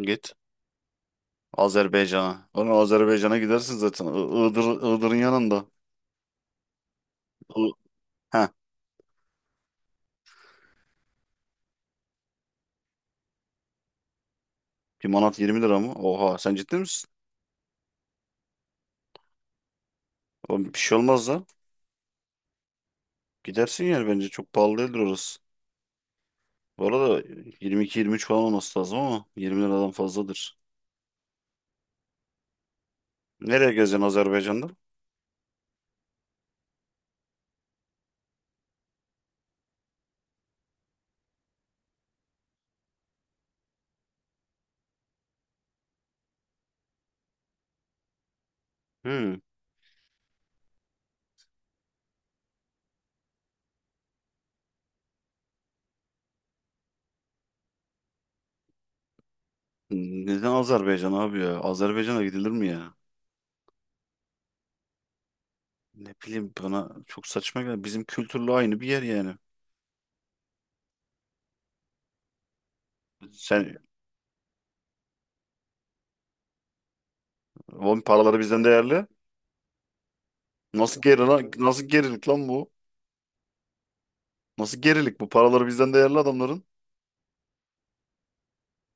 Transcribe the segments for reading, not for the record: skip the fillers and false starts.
Git Azerbaycan'a. Oğlum Azerbaycan'a gidersin zaten. Iğdır, Iğdır'ın yanında. I Heh, bir manat 20 lira mı? Oha sen ciddi misin? Oğlum bir şey olmaz lan. Gidersin yani bence çok pahalı değildir orası. Bu arada 22-23 falan olması lazım ama 20 liradan fazladır. Nereye gezeceksin Azerbaycan'da? Hmm. Neden Azerbaycan abi ya? Azerbaycan'a gidilir mi ya? Ne bileyim bana çok saçma geldi. Bizim kültürle aynı bir yer yani. Sen oğlum paraları bizden değerli. Nasıl geri lan? Nasıl gerilik lan bu? Nasıl gerilik bu? Paraları bizden değerli adamların.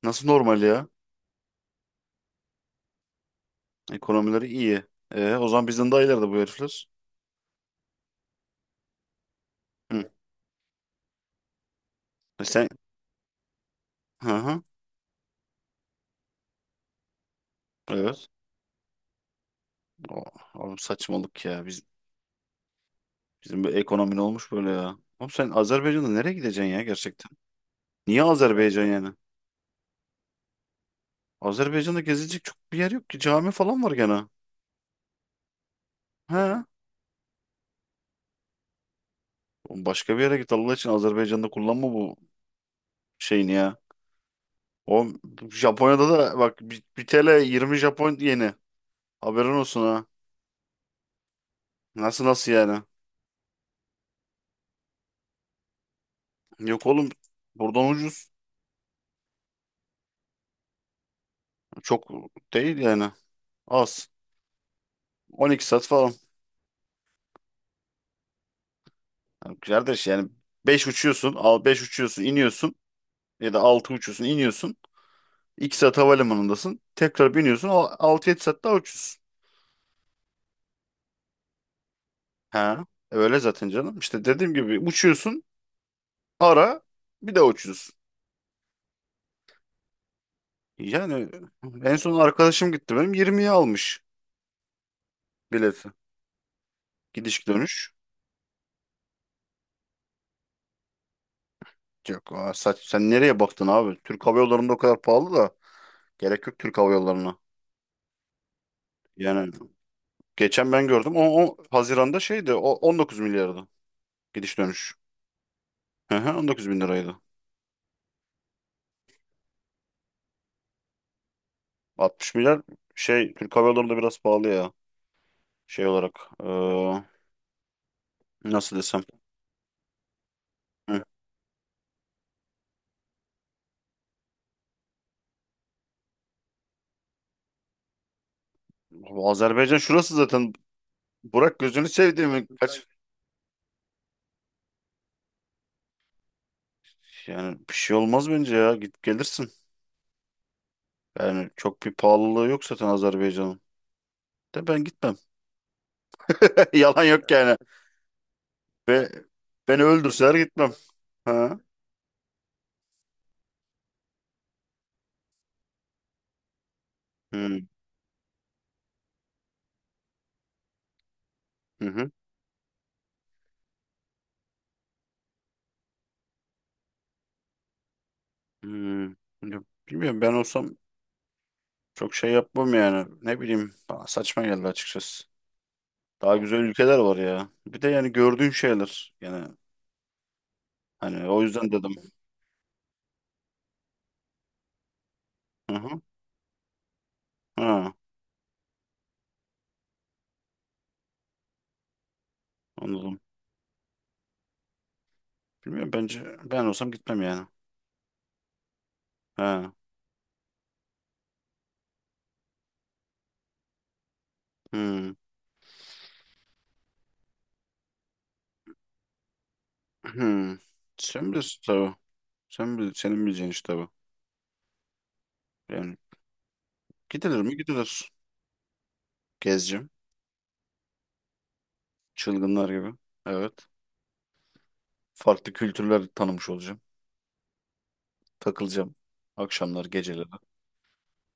Nasıl normal ya? Ekonomileri iyi. E, o zaman bizden daha ileride bu herifler. Hı. E sen... Hı hı. Evet. O, oğlum saçmalık ya. Bizim bir ekonomi ne olmuş böyle ya? Oğlum sen Azerbaycan'da nereye gideceksin ya gerçekten? Niye Azerbaycan yani? Azerbaycan'da gezilecek çok bir yer yok ki. Cami falan var gene. He. Oğlum başka bir yere git Allah için Azerbaycan'da kullanma bu şeyini ya. Oğlum Japonya'da da bak bir TL 20 Japon yeni. Haberin olsun ha. Nasıl nasıl yani? Yok oğlum buradan ucuz. Çok değil yani. Az. 12 saat falan. Yani kardeş yani 5 uçuyorsun, al 5 uçuyorsun, iniyorsun ya da 6 uçuyorsun, iniyorsun. 2 saat havalimanındasın. Tekrar biniyorsun. 6-7 saat daha uçuyorsun. Ha, öyle zaten canım. İşte dediğim gibi uçuyorsun, ara bir de uçuyorsun. Yani en son arkadaşım gitti benim 20'ye almış bileti. Gidiş dönüş. Yok, sen nereye baktın abi? Türk Hava Yolları'nda o kadar pahalı da gerek yok Türk Hava Yolları'na. Yani geçen ben gördüm. O Haziran'da şeydi. O 19 milyardı gidiş dönüş. Hı hı, 19 bin liraydı. 60 milyar şey Türk Hava Yolları'nda biraz pahalı ya. Şey olarak nasıl desem. Hı. Bu Azerbaycan şurası zaten. Burak gözünü sevdiğimi kaç. Yani bir şey olmaz bence ya. Git gelirsin. Yani çok bir pahalılığı yok zaten Azerbaycan'ın. De ben gitmem. Yalan yok yani. Ve beni öldürseler gitmem. Ha? Hı hı. Hı. Hı. Ya, bilmiyorum ben olsam çok şey yapmam yani. Ne bileyim bana saçma geldi açıkçası. Daha güzel ülkeler var ya. Bir de yani gördüğün şeyler. Yani hani o yüzden dedim. Hı hı. Ha, anladım. Bilmiyorum bence ben olsam gitmem yani. Ha. Hmm. Hmm. Sen bilirsin tabii. Sen bil, senin bileceğin iş tabii. Yani gidilir mi gidilir. Gezeceğim. Çılgınlar gibi. Evet. Farklı kültürler tanımış olacağım. Takılacağım. Akşamlar, geceleri.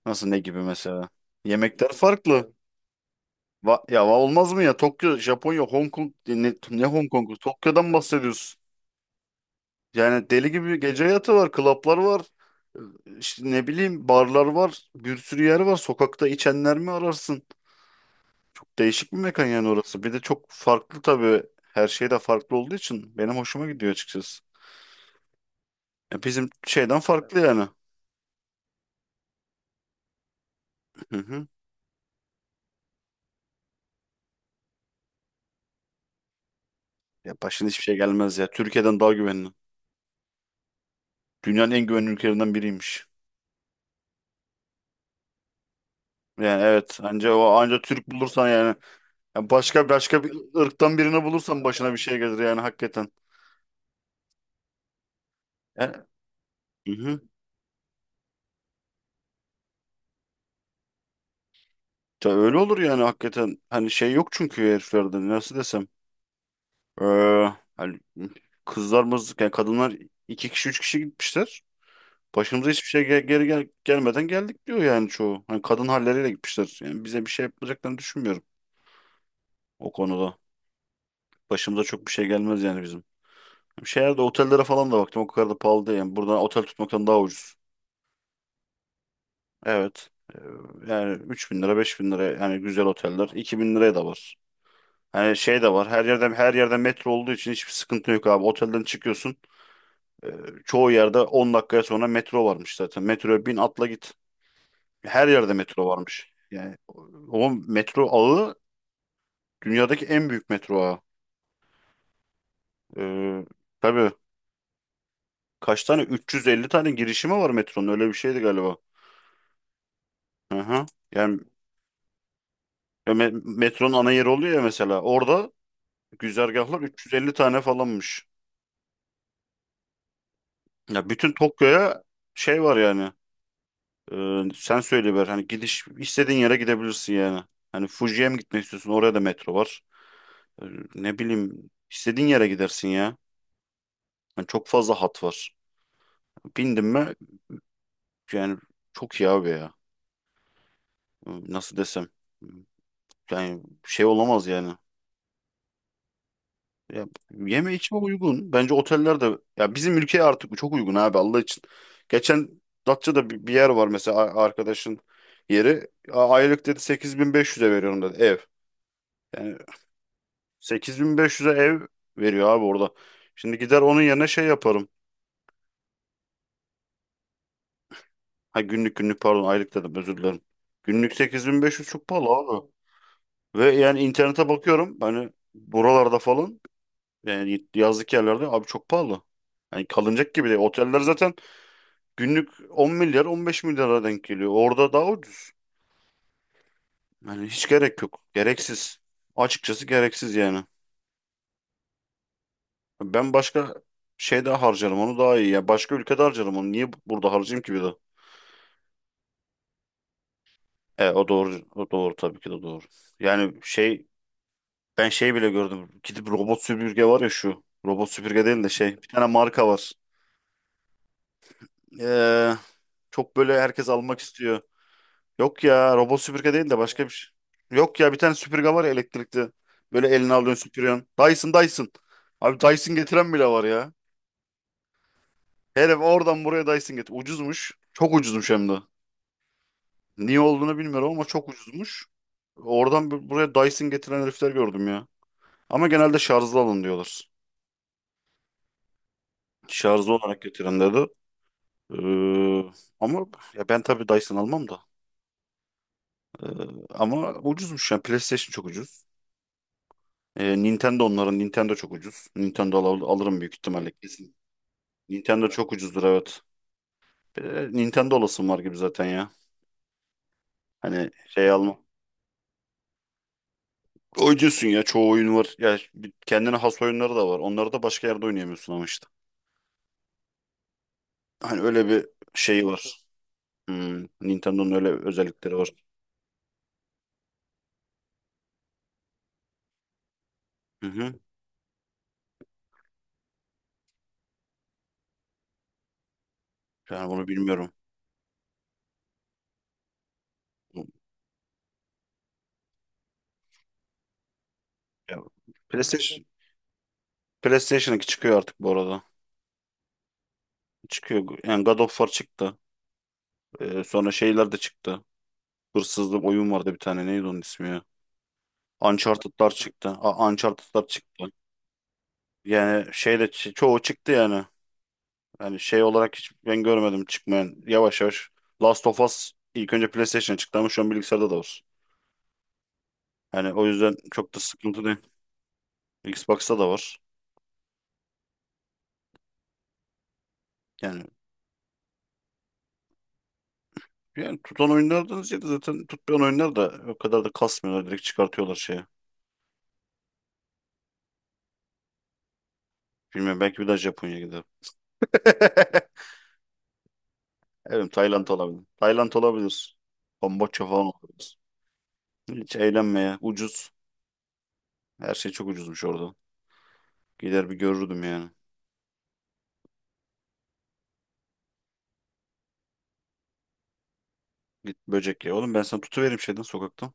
Nasıl ne gibi mesela? Yemekler farklı. Ya olmaz mı ya? Tokyo, Japonya, Hong Kong, ne Hong Kong'u? Tokyo'dan bahsediyorsun. Yani deli gibi gece hayatı var, klaplar var. e, İşte ne bileyim barlar var. Bir sürü yer var. Sokakta içenler mi ararsın? Çok değişik bir mekan yani orası. Bir de çok farklı tabii. Her şey de farklı olduğu için benim hoşuma gidiyor açıkçası. Ya bizim şeyden farklı yani. Hı hı. Ya başına hiçbir şey gelmez ya. Türkiye'den daha güvenli. Dünyanın en güvenli ülkelerinden biriymiş. Yani evet anca o anca Türk bulursan yani ya başka başka bir ırktan birini bulursan başına bir şey gelir yani hakikaten. E, hı hı. Ya öyle olur yani hakikaten. Hani şey yok çünkü heriflerde nasıl desem. Ee, hani yani kadınlar iki kişi üç kişi gitmişler. Başımıza hiçbir şey gel- geri gel gelmeden geldik diyor yani çoğu. Hani kadın halleriyle gitmişler. Yani bize bir şey yapacaklarını düşünmüyorum o konuda. Başımıza çok bir şey gelmez yani bizim. Şehirde otellere falan da baktım o kadar da pahalı değil. Yani buradan otel tutmaktan daha ucuz. Evet. Yani 3.000 lira 5.000 lira yani güzel oteller 2.000 liraya da var. Hani şey de var. Her yerden metro olduğu için hiçbir sıkıntı yok abi. Otelden çıkıyorsun. e, çoğu yerde 10 dakikaya sonra metro varmış zaten. Metroya bin atla git. Her yerde metro varmış. Yani o metro ağı dünyadaki en büyük metro ağı. Ee, tabii kaç tane 350 tane girişimi var metronun öyle bir şeydi galiba. Hı hı. Yani metronun ana yeri oluyor ya mesela. Orada güzergahlar 350 tane falanmış. Ya bütün Tokyo'ya şey var yani. Sen söyle ver. Hani gidiş istediğin yere gidebilirsin yani. Hani Fuji'ye mi gitmek istiyorsun? Oraya da metro var. Ee, ne bileyim istediğin yere gidersin ya. Hani çok fazla hat var. Bindim mi yani çok iyi abi ya. Nasıl desem. Yani şey olamaz yani. Ya, yeme içme uygun. Bence oteller de ya bizim ülkeye artık bu çok uygun abi Allah için. Geçen Datça'da bir yer var mesela arkadaşın yeri. Aylık dedi 8.500'e veriyorum dedi ev. Yani 8.500'e ev veriyor abi orada. Şimdi gider onun yerine şey yaparım. Ha günlük günlük pardon aylık dedim özür dilerim. Günlük 8.500 çok pahalı abi. Ve yani internete bakıyorum hani buralarda falan yani yazlık yerlerde abi çok pahalı. Yani kalınacak gibi değil. Oteller zaten günlük 10 milyar 15 milyara denk geliyor. Orada daha ucuz. Yani hiç gerek yok. Gereksiz. Açıkçası gereksiz yani. Ben başka şeyde harcarım onu daha iyi. Yani başka ülkede harcarım onu. Niye burada harcayayım ki bir de? O doğru. O doğru tabii ki de doğru. Yani şey ben şey bile gördüm. Gidip robot süpürge var ya şu. Robot süpürge değil de şey. Bir tane marka var. Ee, çok böyle herkes almak istiyor. Yok ya robot süpürge değil de başka bir şey. Yok ya bir tane süpürge var ya elektrikli. Böyle eline alıyorsun süpürüyorsun. Dyson Dyson. Abi Dyson getiren bile var ya. Herif oradan buraya Dyson getir. Ucuzmuş. Çok ucuzmuş hem de. Niye olduğunu bilmiyorum ama çok ucuzmuş. Oradan buraya Dyson getiren herifler gördüm ya. Ama genelde şarjlı alın diyorlar. Şarjlı olarak getiren dedi. Ee, ama ya ben tabii Dyson almam da. Ama ucuzmuş yani. PlayStation çok ucuz. Nintendo onların. Nintendo çok ucuz. Nintendo alırım büyük ihtimalle kesin. Nintendo çok ucuzdur evet. Bir de Nintendo olasım var gibi zaten ya. Hani şey alma. Oyuncusun ya çoğu oyun var. Ya kendine has oyunları da var. Onları da başka yerde oynayamıyorsun ama işte. Hani öyle bir şey var. Hmm, Nintendo'nun öyle özellikleri var. Hı hı. Yani bunu bilmiyorum. Ya, PlayStation PlayStation 2 çıkıyor artık bu arada. Çıkıyor. Yani God of War çıktı. Sonra şeyler de çıktı. Hırsızlık oyun vardı bir tane. Neydi onun ismi ya? Uncharted'lar çıktı. Uncharted'lar çıktı. Yani şeyle çoğu çıktı yani. Yani şey olarak hiç ben görmedim çıkmayan. Yavaş yavaş. Last of Us ilk önce PlayStation'a çıktı ama şu an bilgisayarda da var. Yani o yüzden çok da sıkıntı değil. Xbox'ta da var. Yani yani tutan oyunlardan ziyade zaten tutmayan oyunlar da o kadar da kasmıyorlar. Direkt çıkartıyorlar şeye. Bilmiyorum belki bir daha Japonya gider. Evet Tayland olabilir. Tayland olabilir. Kamboçya falan olabilir. Hiç eğlenmeye. Ucuz. Her şey çok ucuzmuş orada. Gider bir görürdüm yani. Git böcek ye. Oğlum ben sana tutuvereyim şeyden sokaktan.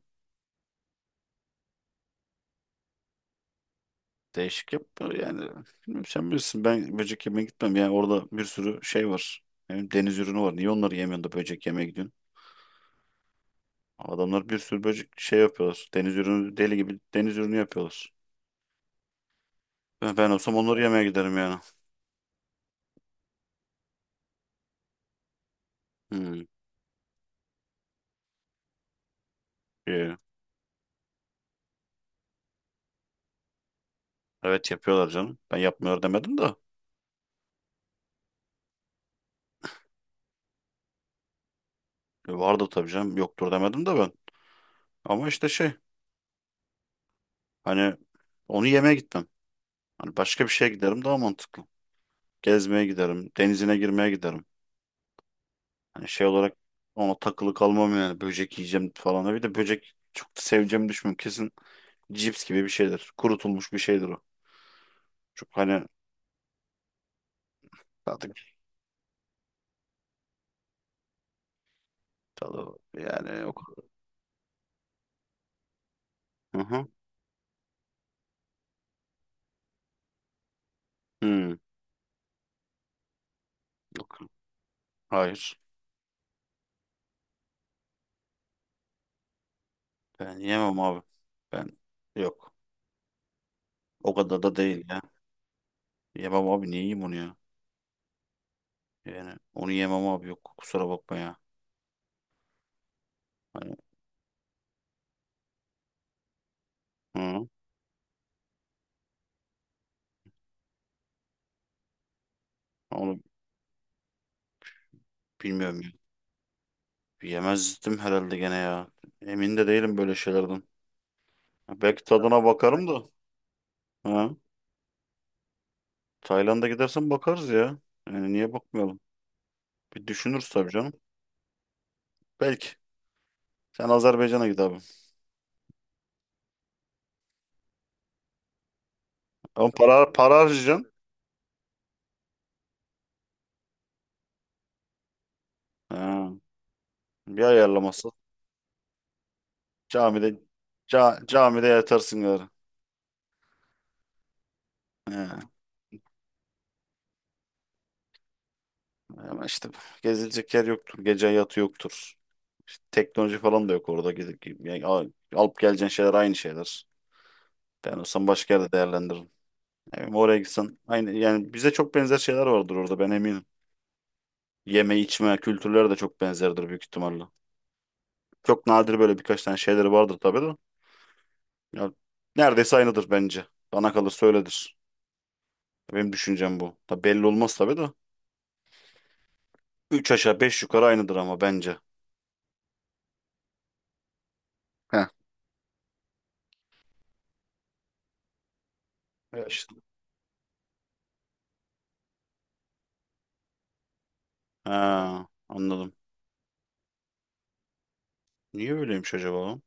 Değişik yap yani. Bilmiyorum sen bilirsin ben böcek yemeye gitmem. Yani orada bir sürü şey var. Hem deniz ürünü var. Niye onları yemiyorsun da böcek yemeye gidiyorsun? Adamlar bir sürü böcek şey yapıyorlar. Deniz ürünü deli gibi deniz ürünü yapıyorlar. Ben olsam onları yemeye giderim yani. Hmm, iyi. Evet yapıyorlar canım. Ben yapmıyor demedim de. Vardı tabii canım. Yoktur demedim de ben. Ama işte şey hani onu yemeye gitmem. Hani başka bir şeye giderim daha mantıklı. Gezmeye giderim. Denizine girmeye giderim. Hani şey olarak ona takılı kalmam yani. Böcek yiyeceğim falan. Bir de böcek çok da seveceğimi düşünmüyorum. Kesin cips gibi bir şeydir. Kurutulmuş bir şeydir o. Çok hani tadı, tadı, yani yok. Hı hı. Hmm, yok. Hayır. Ben yemem abi. Ben yok. O kadar da değil ya. Yemem abi. Niye yiyeyim onu ya? Yani onu yemem abi. Yok. Kusura bakma ya. Hani, hı. Onu bilmiyorum ya. Yemezdim herhalde gene ya. Emin de değilim böyle şeylerden. Ya, belki tadına bakarım da. Ha. Tayland'a gidersen bakarız ya. Yani niye bakmayalım? Bir düşünürüz tabii canım. Belki. Sen Azerbaycan'a git abi. Ama para harcayacaksın. Ha. Bir ayarlaması. Camide camide yatarsın gari. Ha. Ama işte gezilecek yer yoktur. Gece hayatı yoktur. İşte teknoloji falan da yok orada. Gidip, yani alıp geleceğin şeyler aynı şeyler. Ben olsam başka yerde değerlendiririm. Yani oraya gitsen aynı yani bize çok benzer şeyler vardır orada ben eminim. Yeme içme kültürleri de çok benzerdir büyük ihtimalle. Çok nadir böyle birkaç tane şeyleri vardır tabii de. Ya, neredeyse aynıdır bence. Bana kalırsa öyledir. Benim düşüncem bu. Tabii belli olmaz tabii de. Üç aşağı beş yukarı aynıdır ama bence. Heh. Ya işte. Ha, anladım. Niye böyleymiş acaba?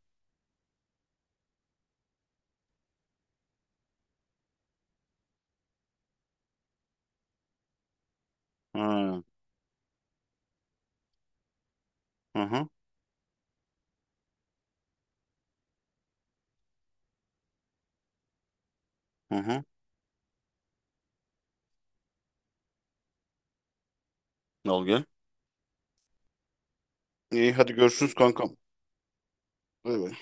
Ha. Hı hı. Hı hı. Al gel. İyi hadi görüşürüz kankam. Bay bay.